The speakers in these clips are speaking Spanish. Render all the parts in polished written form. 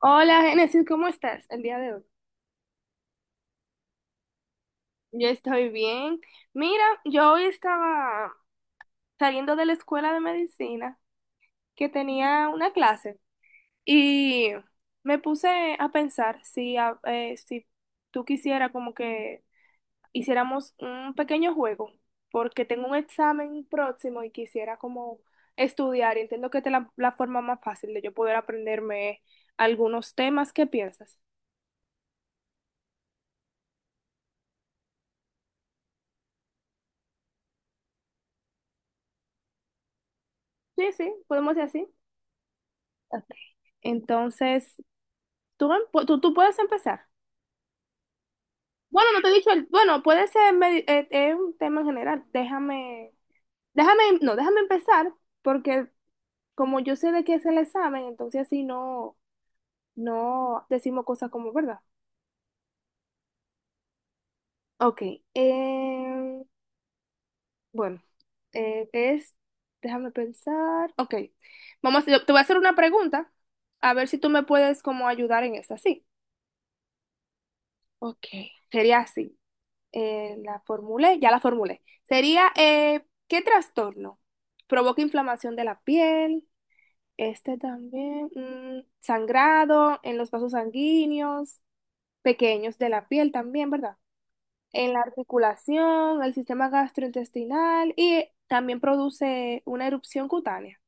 Hola, Génesis, ¿cómo estás el día de hoy? Yo estoy bien. Mira, yo hoy estaba saliendo de la escuela de medicina que tenía una clase y me puse a pensar si, si tú quisieras como que hiciéramos un pequeño juego, porque tengo un examen próximo y quisiera como estudiar. Y Entiendo que esta es la forma más fácil de yo poder aprenderme algunos temas. ¿Qué piensas? Sí, sí, podemos hacer así. Ok. Entonces, tú puedes empezar. Bueno, no te he dicho bueno, puede ser, es un tema en general. Déjame, déjame, no, déjame empezar, porque como yo sé de qué es el examen, entonces así no, no decimos cosas como verdad. Ok, eh, bueno, es, déjame pensar. Ok, te voy a hacer una pregunta, a ver si tú me puedes como ayudar en esa, sí. Ok, sería así. Ya la formulé. Sería, ¿qué trastorno provoca inflamación de la piel, sangrado en los vasos sanguíneos pequeños de la piel también, ¿verdad? En la articulación, el sistema gastrointestinal, y también produce una erupción cutánea,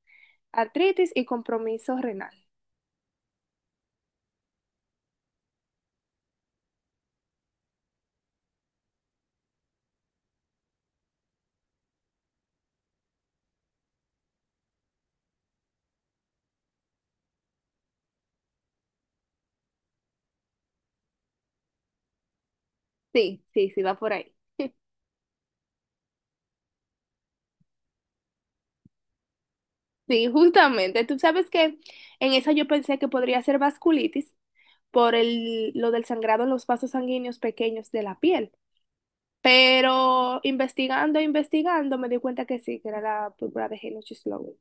artritis y compromiso renal? Sí, sí, sí, va por ahí. Sí, justamente. Tú sabes que en esa yo pensé que podría ser vasculitis por lo del sangrado en los vasos sanguíneos pequeños de la piel. Pero investigando, me di cuenta que sí, que era la púrpura de Henoch-Sloan.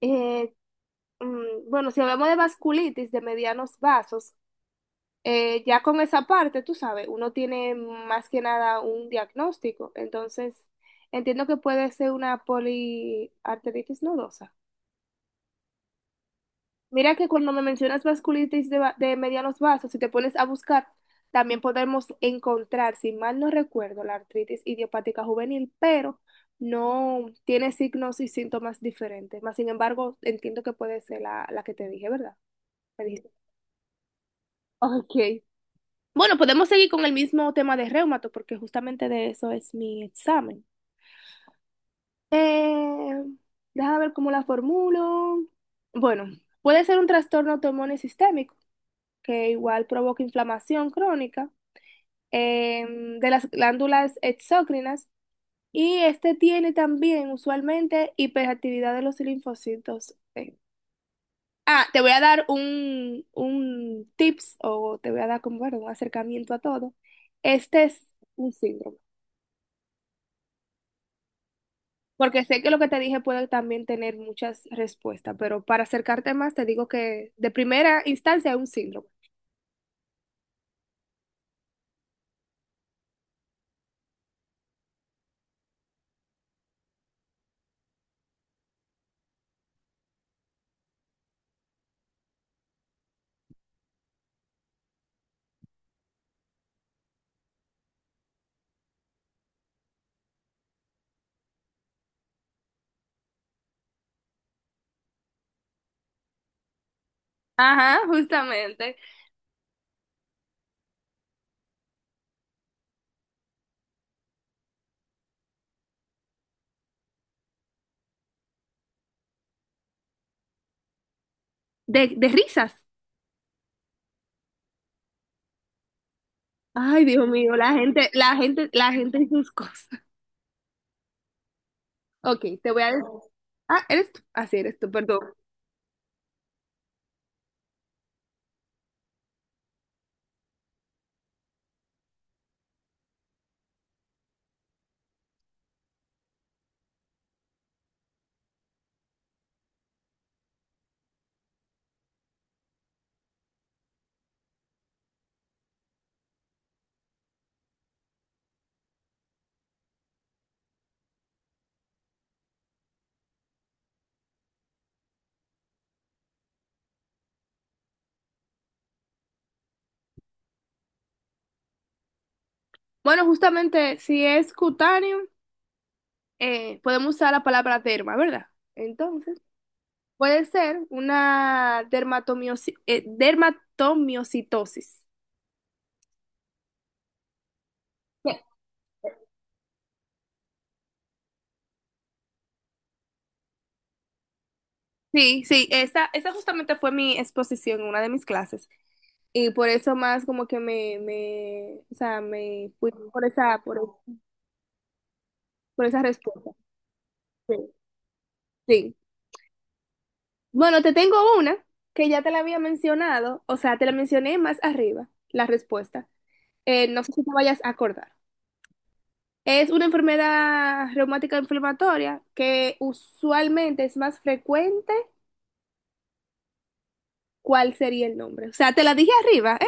Eh, bueno, si hablamos de vasculitis de medianos vasos, ya con esa parte, tú sabes, uno tiene más que nada un diagnóstico. Entonces, entiendo que puede ser una poliarteritis nodosa. Mira que cuando me mencionas vasculitis de medianos vasos, si te pones a buscar, también podemos encontrar, si mal no recuerdo, la artritis idiopática juvenil, pero no tiene signos y síntomas diferentes. Más sin embargo, entiendo que puede ser la que te dije, ¿verdad? Me dijiste. Ok. Bueno, podemos seguir con el mismo tema de reumato, porque justamente de eso es mi examen. Eh, Déjame ver cómo la formulo. Bueno, puede ser un trastorno autoinmune sistémico que igual provoca inflamación crónica de las glándulas exócrinas, y este tiene también usualmente hiperactividad de los linfocitos T. Ah, te voy a dar un tips, o te voy a dar como, bueno, un acercamiento a todo. Este es un síndrome, porque sé que lo que te dije puede también tener muchas respuestas, pero para acercarte más te digo que de primera instancia es un síndrome. Ajá, justamente. De risas. Ay, Dios mío, la gente, la gente, la gente y sus cosas. Ok, te voy a decir. Ah, eres tú. Así eres tú, perdón. Bueno, justamente si es cutáneo, podemos usar la palabra derma, ¿verdad? Entonces, puede ser una dermatomiositosis. Sí, sí, esa justamente fue mi exposición en una de mis clases. Y por eso más como que me, o sea, me fui por esa, por esa respuesta. Sí, sí. Bueno, te tengo una que ya te la había mencionado, o sea, te la mencioné más arriba, la respuesta. No sé si te vayas a acordar. Es una enfermedad reumática inflamatoria que usualmente es más frecuente. ¿Cuál sería el nombre? O sea, te la dije arriba, ¿eh?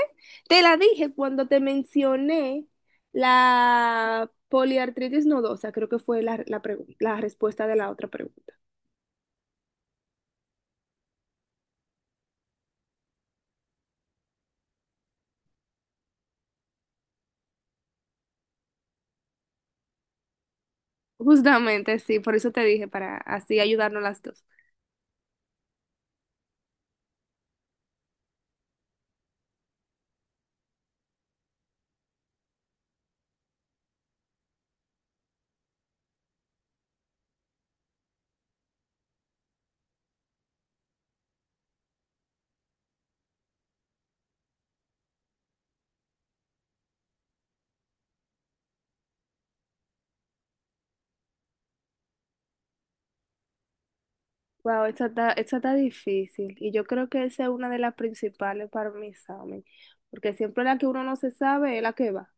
Te la dije cuando te mencioné la poliartritis nodosa, creo que fue la respuesta de la otra pregunta. Justamente, sí, por eso te dije, para así ayudarnos las dos. Wow, esa está difícil. Y yo creo que esa es una de las principales para mi examen. Porque siempre la que uno no se sabe es la que va.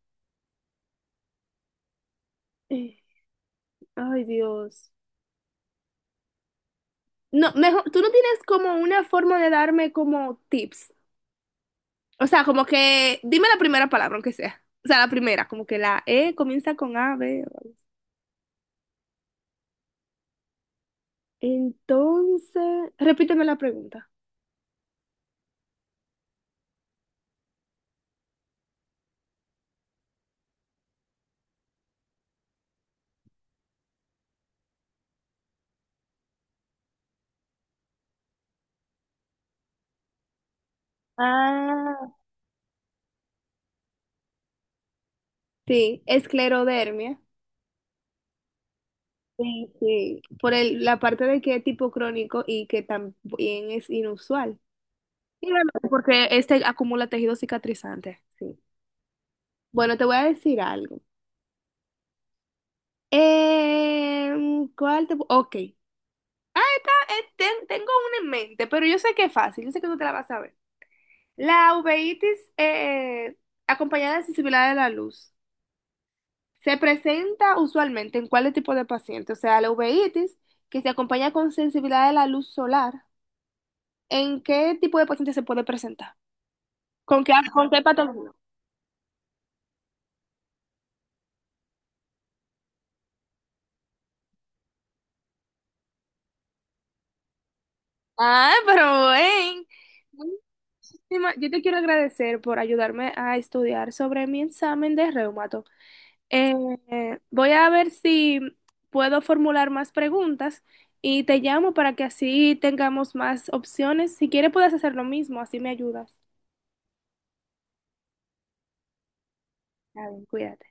Eh, Ay, Dios. No, mejor, tú no tienes como una forma de darme como tips. O sea, como que, dime la primera palabra, aunque sea. O sea, la primera, como que la E comienza con A, B. o Entonces, repíteme la pregunta. Ah, sí, esclerodermia. Sí, sí, por la parte de que es tipo crónico y que también es inusual. Y bueno, porque este acumula tejido cicatrizante. Sí. Bueno, te voy a decir algo. Ok. Ah, esta, tengo una en mente, pero yo sé que es fácil, yo sé que tú te la vas a ver. La uveitis acompañada de sensibilidad de la luz se presenta usualmente en cuál tipo de paciente. O sea, la uveitis que se acompaña con sensibilidad de la luz solar, ¿en qué tipo de paciente se puede presentar? Con qué patología? Ah, pero ven. Muchísima- Yo te quiero agradecer por ayudarme a estudiar sobre mi examen de reumato. Eh, Voy a ver si puedo formular más preguntas y te llamo para que así tengamos más opciones. Si quieres, puedes hacer lo mismo, así me ayudas. Está bien, cuídate.